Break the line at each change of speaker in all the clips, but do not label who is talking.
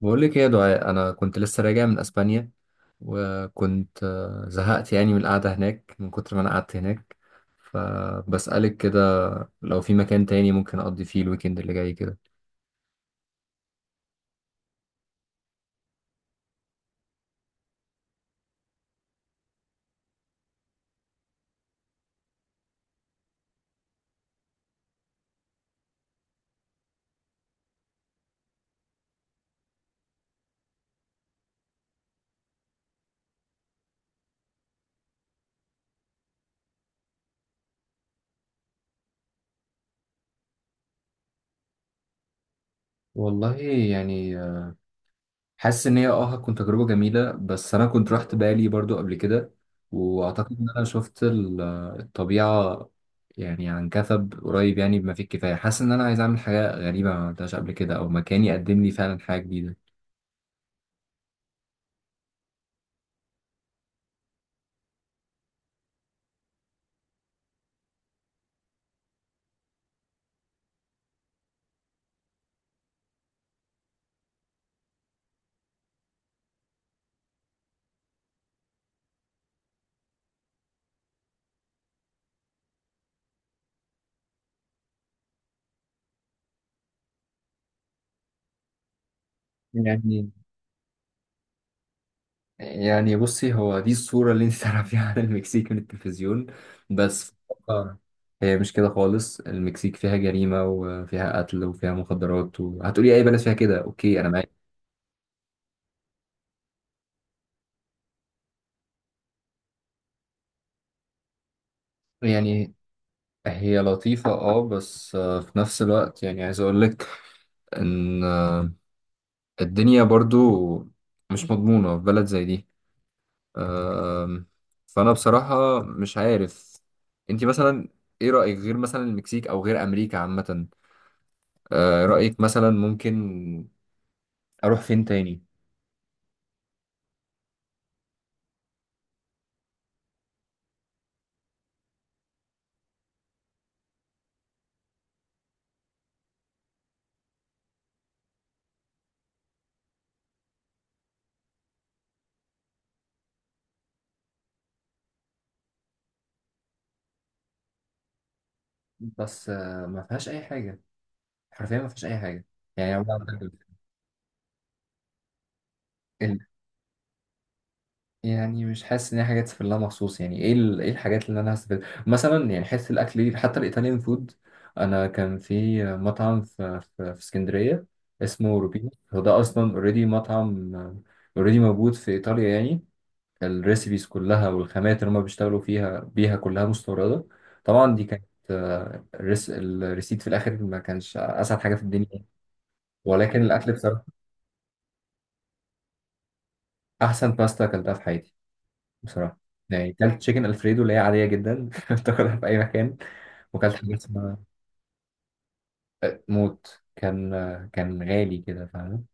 بقول لك ايه يا دعاء؟ انا كنت لسه راجع من اسبانيا، وكنت زهقت يعني من القعده هناك من كتر ما انا قعدت هناك. فبسألك كده، لو في مكان تاني ممكن اقضي فيه الويكند اللي جاي كده. والله يعني حاسس ان هي اه هتكون تجربه جميله، بس انا كنت رحت بالي برضو قبل كده، واعتقد ان انا شفت الطبيعه يعني عن كثب، قريب يعني بما فيه الكفايه. حاسس ان انا عايز اعمل حاجه غريبه ما عملتهاش قبل كده، او مكان يقدم لي فعلا حاجه جديده. يعني بصي، هو دي الصورة اللي انت تعرفيها عن المكسيك من التلفزيون، بس في الواقع هي مش كده خالص. المكسيك فيها جريمة وفيها قتل وفيها مخدرات، وهتقولي أي بلد فيها كده، أوكي أنا معاك. يعني هي لطيفة اه، بس في نفس الوقت يعني عايز أقول لك إن الدنيا برضو مش مضمونة في بلد زي دي. آم، فأنا بصراحة مش عارف. انت مثلا ايه رأيك، غير مثلا المكسيك أو غير أمريكا عامة؟ رأيك مثلا ممكن أروح فين تاني؟ بس ما فيهاش أي حاجة، حرفيا ما فيهاش أي حاجة، يعني والله بجد، ال... يعني مش حاسس إن هي حاجة تسافر لها مخصوص. يعني إيه إيه الحاجات اللي أنا هستفيد مثلا؟ يعني حتة الأكل دي، حتى الإيطاليان فود، أنا كان في مطعم في اسكندرية اسمه روبينو. هو ده أصلا أوريدي مطعم، أوريدي موجود في إيطاليا يعني. الريسيبيز كلها والخامات اللي هما بيشتغلوا فيها بيها كلها مستوردة. طبعا دي كانت الريسيت في الآخر ما كانش أسعد حاجة في الدنيا، ولكن الأكل بصراحة أحسن باستا أكلتها في حياتي. بصراحة يعني كلت تشيكن الفريدو اللي هي عادية جدا، تاكلها في أي مكان، وكلت حاجة اسمها موت كان كان غالي كده، فاهم؟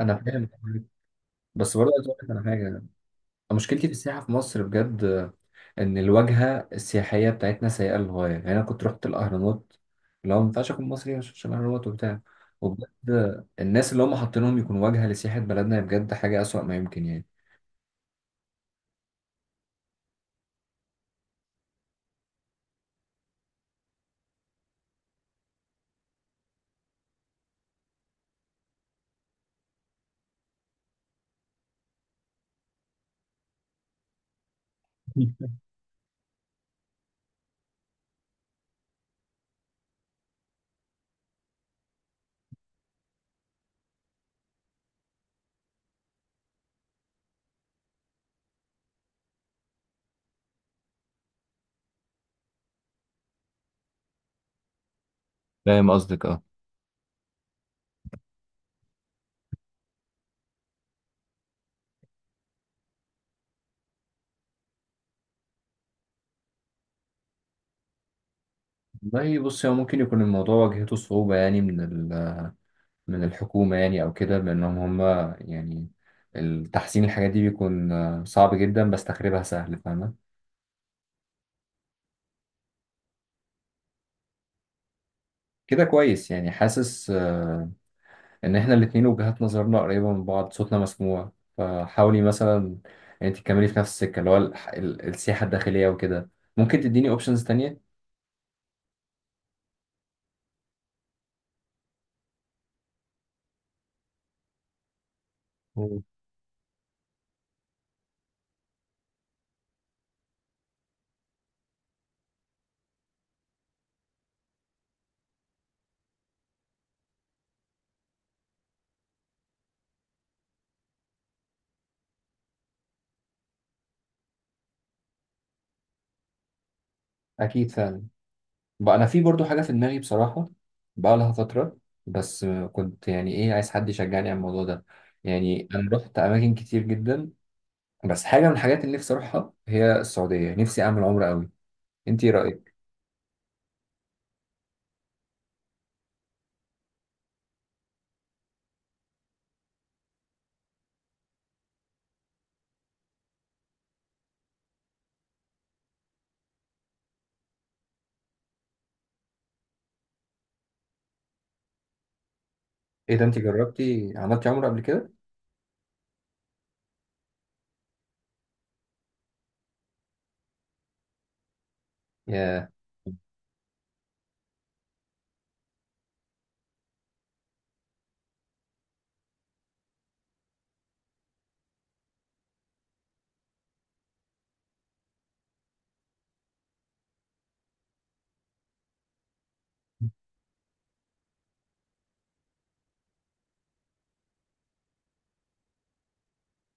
أنا فاهم، بس برضه عايز أقول لك على حاجة. مشكلتي في السياحة في مصر بجد إن الواجهة السياحية بتاعتنا سيئة للغاية. يعني أنا كنت رحت الأهرامات، اللي هو ما ينفعش أكون مصري عشان الأهرامات وبتاع، وبجد الناس اللي هم حاطينهم يكون واجهة لسياحة بلدنا بجد حاجة أسوأ ما يمكن يعني. فاهم قصدك اه. والله بص، هو ممكن يكون الموضوع واجهته صعوبة يعني من ال- من الحكومة يعني، أو كده، بأنهم هم يعني التحسين الحاجات دي بيكون صعب جدا، بس تخريبها سهل، فاهمة؟ كده كويس يعني. حاسس ان احنا الاتنين وجهات نظرنا قريبة من بعض، صوتنا مسموع. فحاولي مثلا انت تكملي في نفس السكة، اللي هو السياحة الداخلية وكده. ممكن تديني اوبشنز تانية؟ مم. اكيد فعلا. بقى انا في برضو حاجة في دماغي بصراحة، بقى لها فترة، بس كنت يعني ايه عايز حد يشجعني على الموضوع ده. يعني انا رحت اماكن كتير جدا، بس حاجة من الحاجات اللي نفسي اروحها هي السعودية، نفسي اعمل عمرة قوي. انت ايه رأيك؟ ايه ده، انت جربتي عملتي عمرة قبل كده؟ يا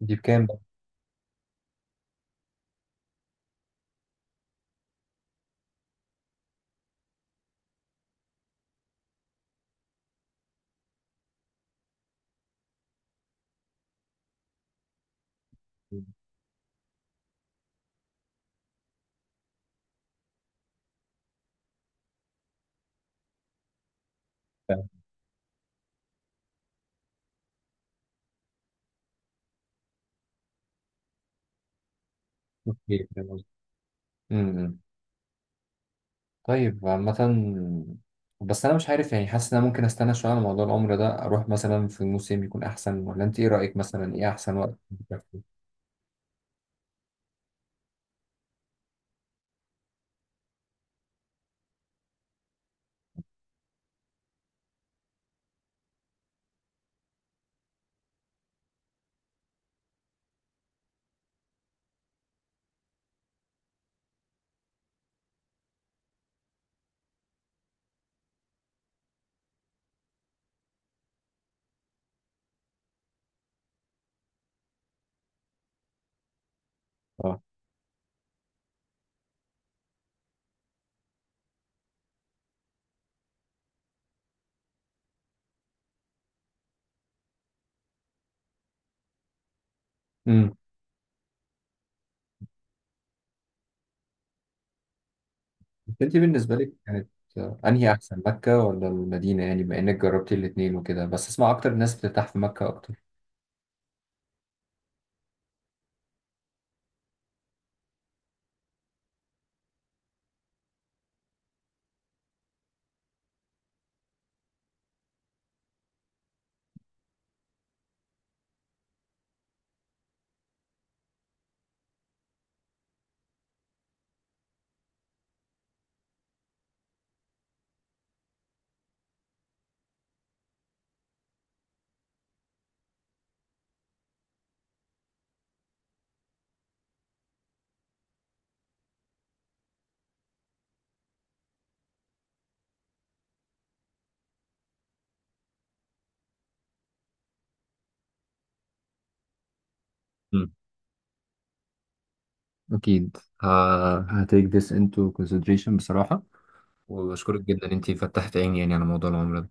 دي بكام بقى! امم. طيب عامة، بس أنا مش عارف يعني، حاسس إن أنا ممكن أستنى شوية على موضوع العمر ده، أروح مثلا في موسم يكون أحسن؟ ولا أنت إيه رأيك مثلا، إيه أحسن وقت؟ أه. امم. أنت بالنسبة لك كانت أنهي أحسن، مكة ولا المدينة؟ يعني بما إنك جربتي الاتنين وكده، بس أسمع أكتر الناس بترتاح في مكة أكتر. مم. أكيد. ه... هتيك this into consideration بصراحة، وبشكرك جدا إن أنتي فتحت عيني يعني على موضوع العمر.